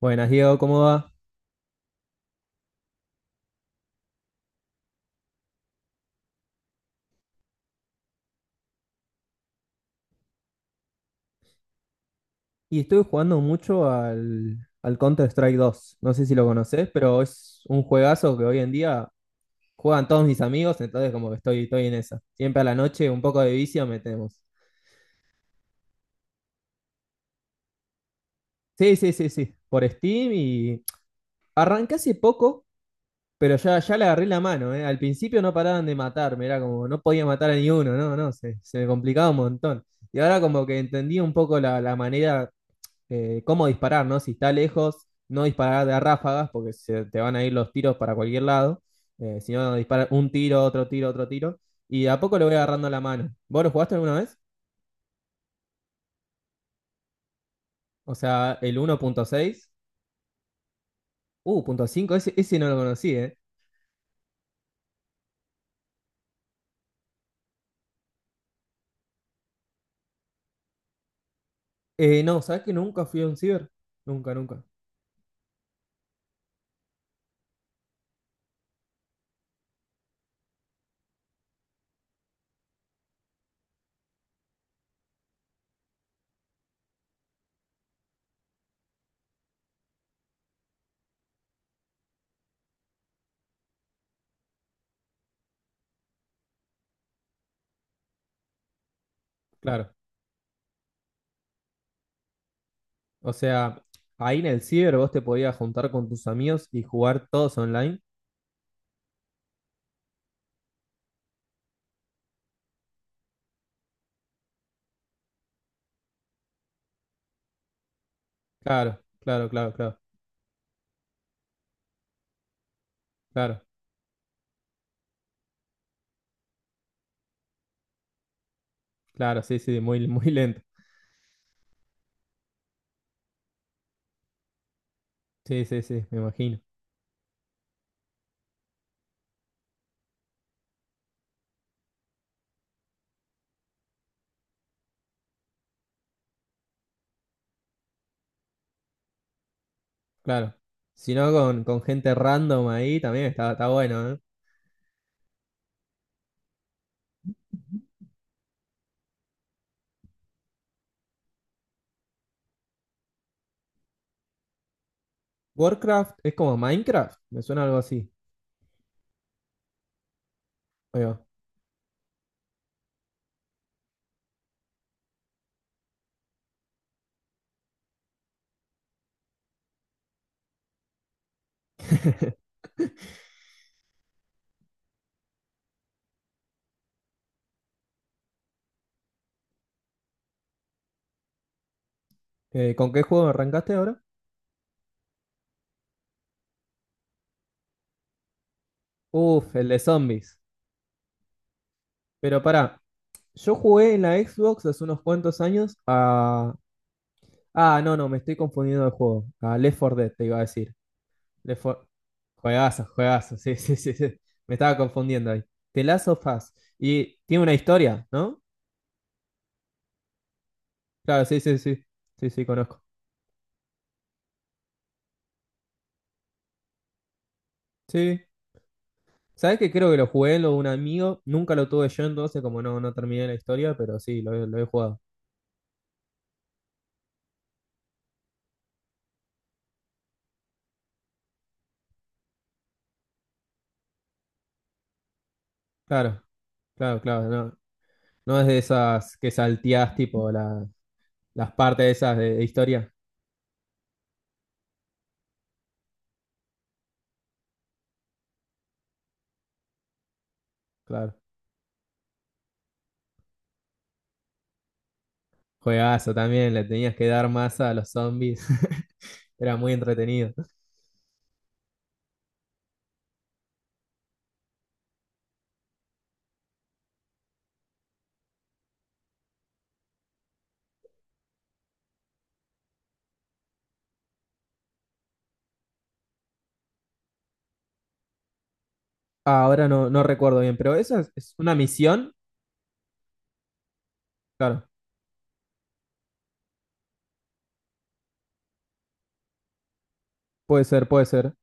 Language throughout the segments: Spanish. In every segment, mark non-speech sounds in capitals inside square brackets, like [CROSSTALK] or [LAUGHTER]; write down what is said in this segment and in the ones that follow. Buenas, Diego, ¿cómo va? Y estoy jugando mucho al Counter-Strike 2. No sé si lo conocés, pero es un juegazo que hoy en día juegan todos mis amigos, entonces como que estoy en esa. Siempre a la noche un poco de vicio metemos. Sí, sí, sí, sí, por Steam y... Arranqué hace poco, pero ya, ya le agarré la mano, ¿eh? Al principio no paraban de matarme, era como no podía matar a ni uno, no, no, se me complicaba un montón. Y ahora como que entendí un poco la manera cómo disparar, ¿no? Si está lejos, no disparar de a ráfagas, porque se te van a ir los tiros para cualquier lado. Si no, disparar un tiro, otro tiro, otro tiro. Y de a poco le voy agarrando la mano. ¿Vos lo jugaste alguna vez? O sea, el 1.6. Punto .5, ese no lo conocí, ¿eh? No, ¿sabés que nunca fui a un ciber? Nunca, nunca. Claro. O sea, ahí en el ciber vos te podías juntar con tus amigos y jugar todos online. Claro, claro, claro, claro, claro, claro, sí, sí, muy, muy lento. Sí, sí, sí, me imagino. Claro. Si no, con gente random ahí también está bueno, ¿eh? Warcraft es como Minecraft, me suena algo así. Ahí va. ¿Con qué juego arrancaste ahora? Uf, el de zombies. Pero pará, yo jugué en la Xbox hace unos cuantos años a... Ah, no, no, me estoy confundiendo de juego. A Left 4 Dead, te iba a decir. Left 4... Juegazo, juegazo, [LAUGHS] sí, sí, sí, sí. Me estaba confundiendo ahí. The Last of Us. Y tiene una historia, ¿no? Claro, sí, sí, sí. Sí, sí, conozco. Sí. ¿Sabes que creo que lo jugué en lo de un amigo? Nunca lo tuve yo, entonces como no, no terminé la historia, pero sí, lo he jugado. Claro, claro, claro. No, no es de esas que salteás tipo las partes esas de historia. Claro. Juegazo también, le tenías que dar masa a los zombies. [LAUGHS] Era muy entretenido. Ah, ahora no, no recuerdo bien, pero ¿esa es una misión? Claro, puede ser, puede ser.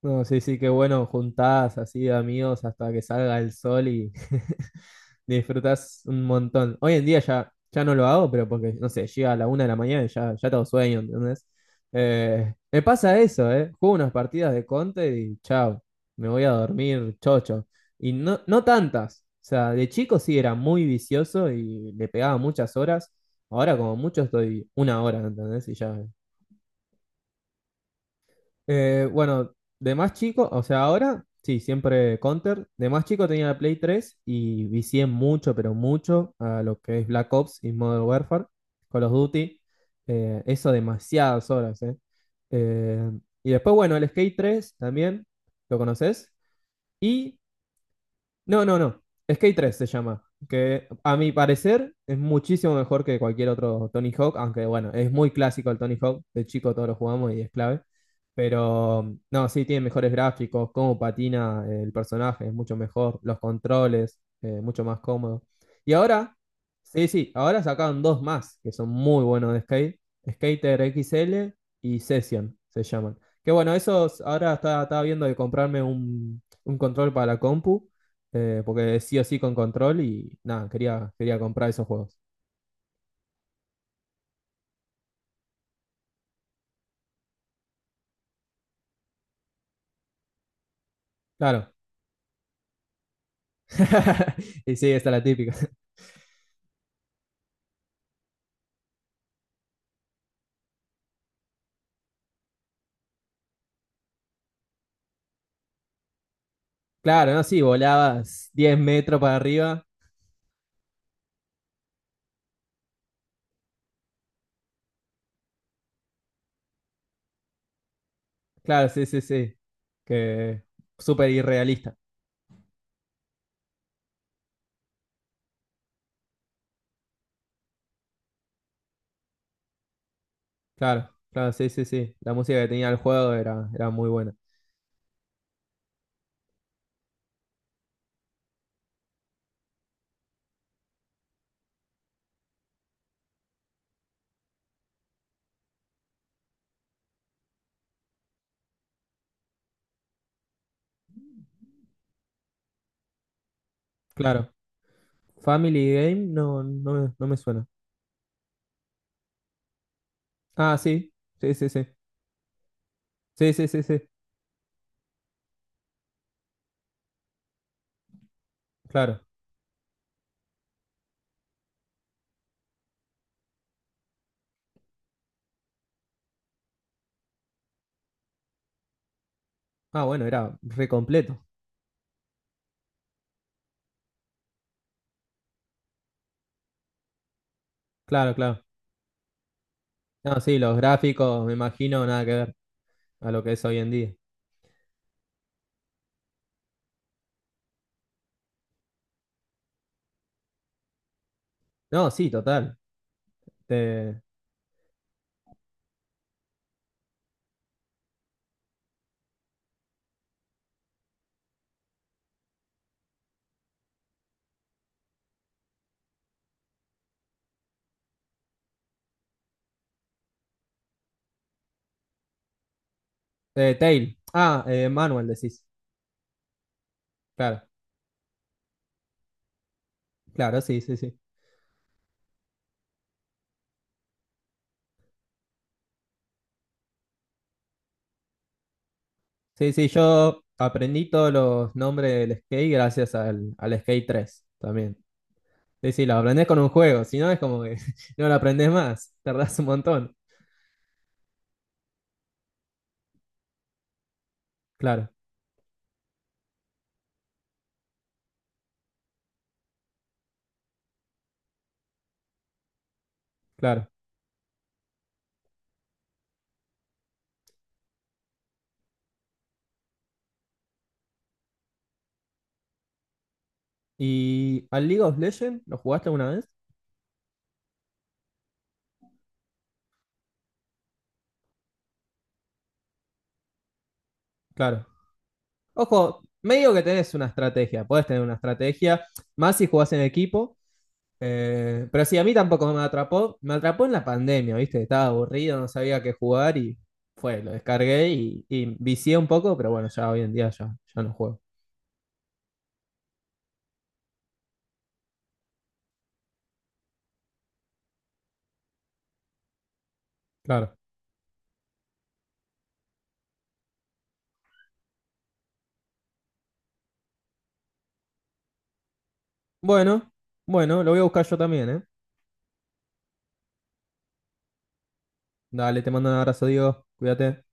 No, sí, sí, qué bueno, juntás así de amigos hasta que salga el sol y... [LAUGHS] disfrutás un montón. Hoy en día ya, ya no lo hago, pero porque, no sé, llega a la una de la mañana y ya, ya tengo sueño, ¿entendés? Me pasa eso, ¿eh? Juego unas partidas de Conte y chao, me voy a dormir chocho. Y no, no tantas. O sea, de chico sí era muy vicioso y le pegaba muchas horas. Ahora como mucho estoy una hora, ¿entendés? Y ya, bueno, de más chico, o sea, ahora sí, siempre Counter. De más chico tenía la Play 3 y vicié mucho, pero mucho a lo que es Black Ops y Modern Warfare, Call of Duty. Eso demasiadas horas, ¿eh? Eh, Y después, bueno, el Skate 3 también, ¿lo conoces? Y no, no, no. Skate 3 se llama. Que a mi parecer es muchísimo mejor que cualquier otro Tony Hawk, aunque bueno, es muy clásico el Tony Hawk. De chico todos lo jugamos y es clave. Pero no, sí, tiene mejores gráficos, cómo patina el personaje es mucho mejor, los controles, mucho más cómodo. Y ahora, sí, sí, ahora sacaron dos más que son muy buenos de skate: Skater XL y Session se llaman. Que bueno, esos ahora estaba viendo de comprarme un control para la compu porque sí o sí con control y nada, quería comprar esos juegos. Claro. [LAUGHS] Y sí, esta es la típica. [LAUGHS] Claro, ¿no? Sí, volabas 10 metros para arriba. Claro, sí, sí, sí. Que súper irrealista. Claro, claro, sí, sí, sí. La música que tenía el juego era muy buena. Claro. Family Game no, no, no me suena. Ah, sí, sí, sí, sí, sí, sí, sí, sí, claro. Ah, bueno, era re completo. Claro, claro. No, sí, los gráficos, me imagino, nada que ver a lo que es hoy en día. No, sí, total. Eh, Tail. Ah, Manuel decís. Claro, claro, sí, sí, sí. Sí, sí, yo aprendí todos los nombres del skate gracias al Skate 3 también. Sí, sí, lo aprendés con un juego, si no es como que [LAUGHS] no lo aprendés más, tardás un montón. Claro, claro. ¿Y al League of Legends lo jugaste alguna vez? Claro. Ojo, medio que tenés una estrategia, podés tener una estrategia, más si jugás en equipo. Pero sí, a mí tampoco me atrapó. Me atrapó en la pandemia, ¿viste? Estaba aburrido, no sabía qué jugar y fue, lo descargué y vicié un poco, pero bueno, ya hoy en día ya, ya no juego. Claro. Bueno, bueno, lo voy a buscar yo también, ¿eh? Dale, te mando un abrazo, Diego. Cuídate.